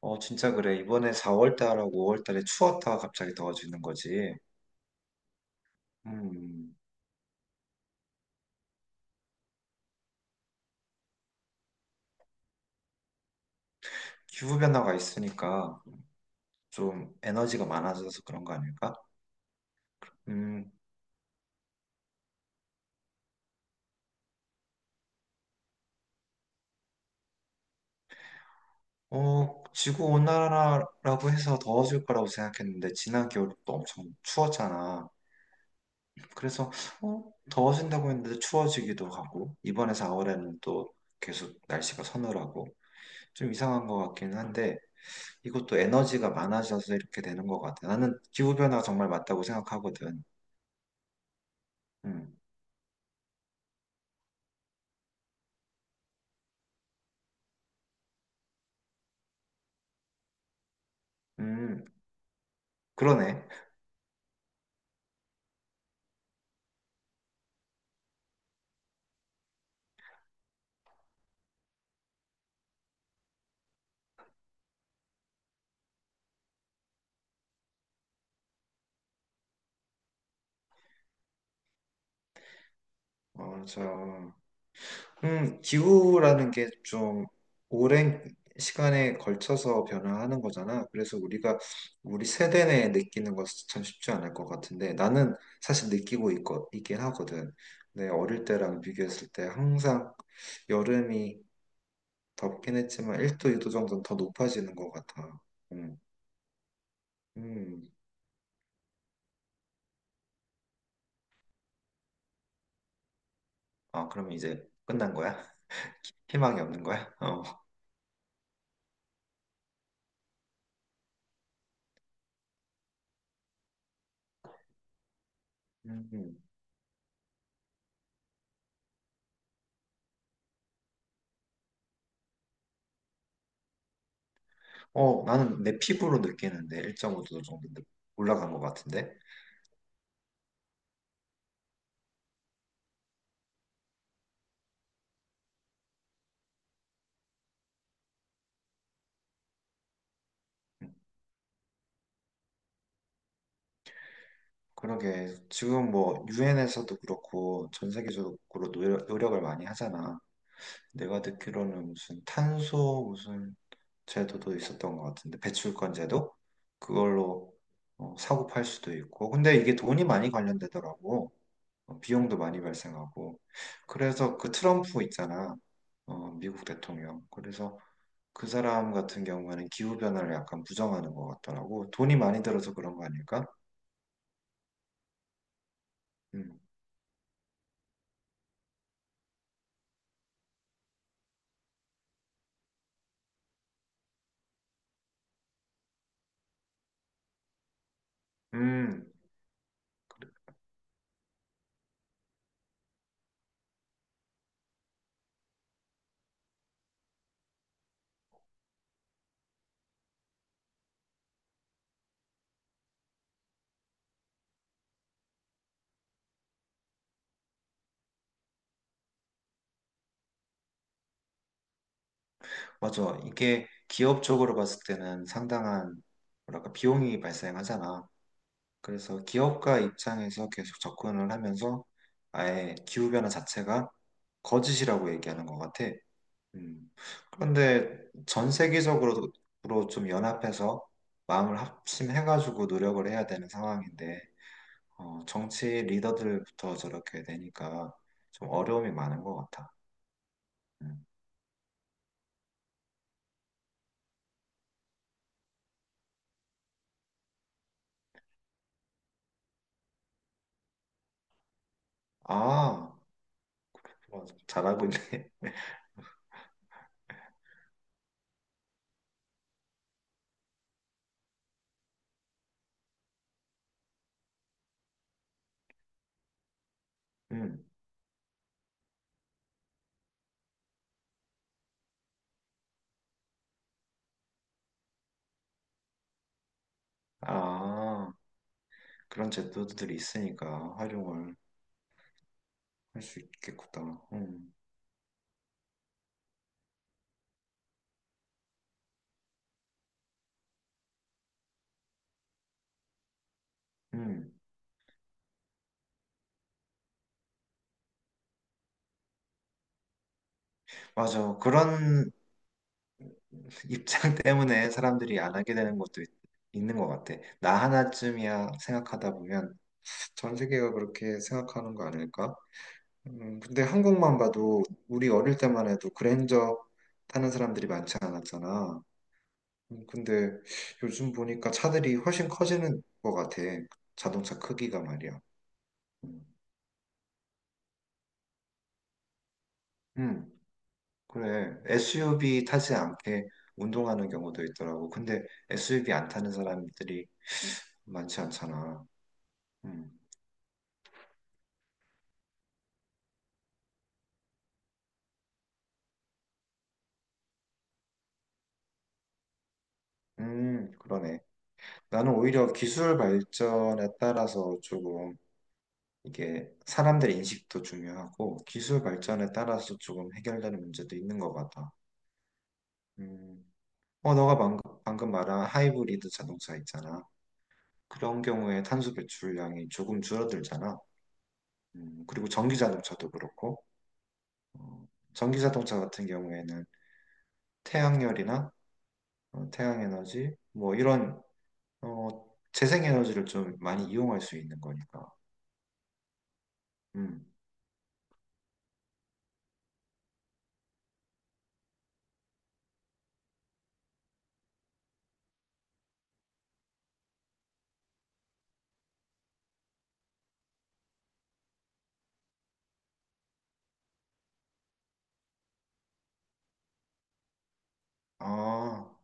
어, 진짜 그래. 이번에 4월 달하고 5월 달에 추웠다가 갑자기 더워지는 거지. 음, 기후 변화가 있으니까 좀 에너지가 많아져서 그런 거 아닐까? 음, 지구 온난화라고 해서 더워질 거라고 생각했는데 지난 겨울도 엄청 추웠잖아. 그래서 어, 더워진다고 했는데 추워지기도 하고 이번에 4월에는 또 계속 날씨가 서늘하고 좀 이상한 것 같긴 한데 이것도 에너지가 많아져서 이렇게 되는 것 같아. 나는 기후변화가 정말 맞다고 생각하거든. 음, 음, 그러네. 맞아. 기후라는 게 좀 오랜 시간에 걸쳐서 변화하는 거잖아. 그래서 우리가 우리 세대 내에 느끼는 것은 참 쉽지 않을 것 같은데 나는 사실 느끼고 있긴 하거든. 내 어릴 때랑 비교했을 때 항상 여름이 덥긴 했지만 1도, 2도 정도는 더 높아지는 것 같아. 음, 음. 아, 그러면 이제 끝난 거야? 희망이 없는 거야? 어. 음. 음. 어, 나는 내 피부로 느끼는데 1.5도 정도 올라간 것 같은데. 음, 그러게 지금 뭐 유엔에서도 그렇고 전 세계적으로 노력을 많이 하잖아. 내가 듣기로는 무슨 탄소 무슨 제도도 있었던 것 같은데 배출권 제도 그걸로 사고 팔 수도 있고. 근데 이게 돈이 많이 관련되더라고. 비용도 많이 발생하고. 그래서 그 트럼프 있잖아. 미국 대통령. 그래서 그 사람 같은 경우에는 기후변화를 약간 부정하는 것 같더라고. 돈이 많이 들어서 그런 거 아닐까? 음, 음, 그래. 맞아. 이게 기업 쪽으로 봤을 때는 상당한, 뭐랄까, 비용이 발생하잖아. 그래서 기업가 입장에서 계속 접근을 하면서 아예 기후변화 자체가 거짓이라고 얘기하는 것 같아. 음. 그런데 전 세계적으로 좀 연합해서 마음을 합심해가지고 노력을 해야 되는 상황인데, 정치 리더들부터 저렇게 되니까 좀 어려움이 많은 것 같아. 음. 아, 잘하고 있네. 음. 아, 그런 제도들이 있으니까 활용을 할 수 있겠구나. 음. 음. 맞아. 그런 입장 때문에 사람들이 안 하게 되는 것도 있는 것 같아. 나 하나쯤이야 생각하다 보면 전 세계가 그렇게 생각하는 거 아닐까? 근데 한국만 봐도 우리 어릴 때만 해도 그랜저 타는 사람들이 많지 않았잖아. 근데 요즘 보니까 차들이 훨씬 커지는 것 같아. 자동차 크기가 말이야. 음, 음, 그래. SUV 타지 않게 운동하는 경우도 있더라고. 근데 SUV 안 타는 사람들이 많지 않잖아. 음, 그러네. 나는 오히려 기술 발전에 따라서 조금 이게 사람들 인식도 중요하고 기술 발전에 따라서 조금 해결되는 문제도 있는 것 같아. 음, 너가 방금 말한 하이브리드 자동차 있잖아. 그런 경우에 탄소 배출량이 조금 줄어들잖아. 그리고 전기 자동차도 그렇고, 어, 전기 자동차 같은 경우에는 태양열이나 태양에너지, 뭐 이런 어, 재생에너지를 좀 많이 이용할 수 있는 거니까. 음, 아,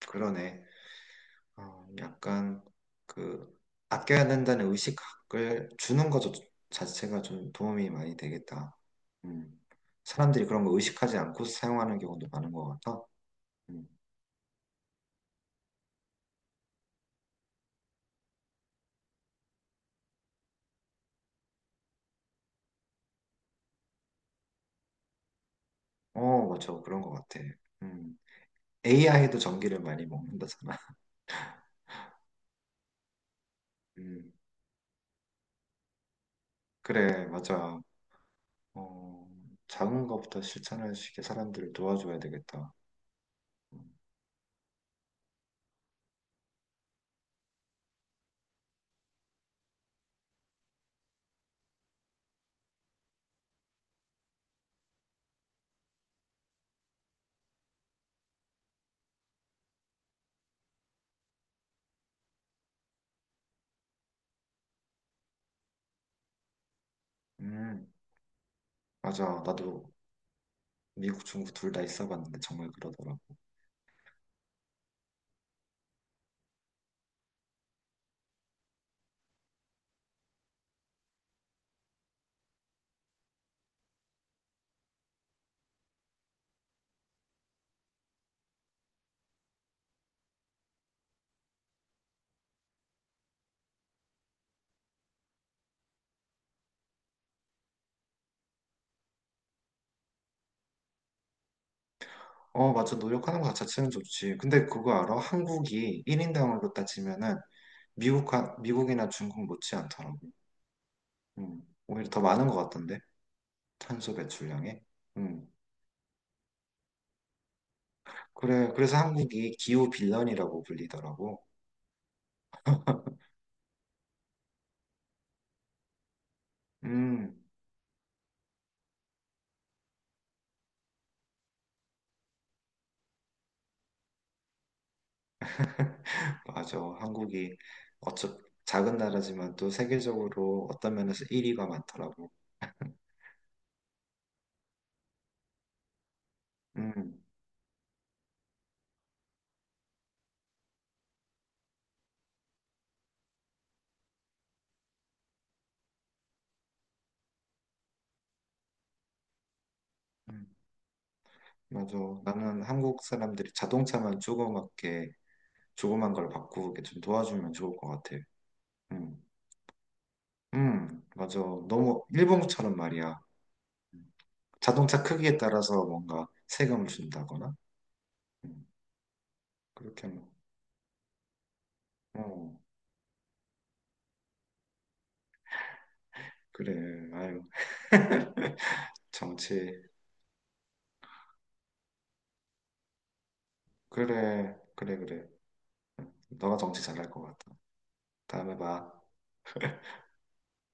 그러네. 약간 그 아껴야 된다는 의식을 주는 것 자체가 좀 도움이 많이 되겠다. 음. 사람들이 그런 거 의식하지 않고 사용하는 경우도 많은 것 같아. 음. 어, 맞아. 그런 것 같아. 음. AI도 전기를 많이 먹는다잖아. 음. 그래, 맞아. 어, 작은 것부터 실천할 수 있게 사람들을 도와줘야 되겠다. 음, 음, 맞아. 나도 미국, 중국 둘 다 있어봤는데 정말 그러더라고. 어, 맞아. 노력하는 것 자체는 좋지. 근데 그거 알아? 한국이 1인당으로 따지면은 미국, 미국이나 중국 못지않더라고. 음, 오히려 더 많은 것 같던데. 탄소 배출량에. 음. 그래, 그래서 한국이 기후 빌런이라고 불리더라고. 음, 맞아. 한국이 어차 작은 나라지만 또 세계적으로 어떤 면에서 1위가 많더라고. 음, 음, 맞아. 나는 한국 사람들이 자동차만 조그맣게, 조그만 걸 바꾸게 좀 도와주면 좋을 것 같아. 음. 맞아. 너무 일본처럼 말이야. 자동차 크기에 따라서 뭔가 세금을 준다거나 음, 그렇게 뭐 어, 그래, 아유, 정치, 그래, 그래, 그래. 너가 정치 잘할 것 같아. 다음에 봐.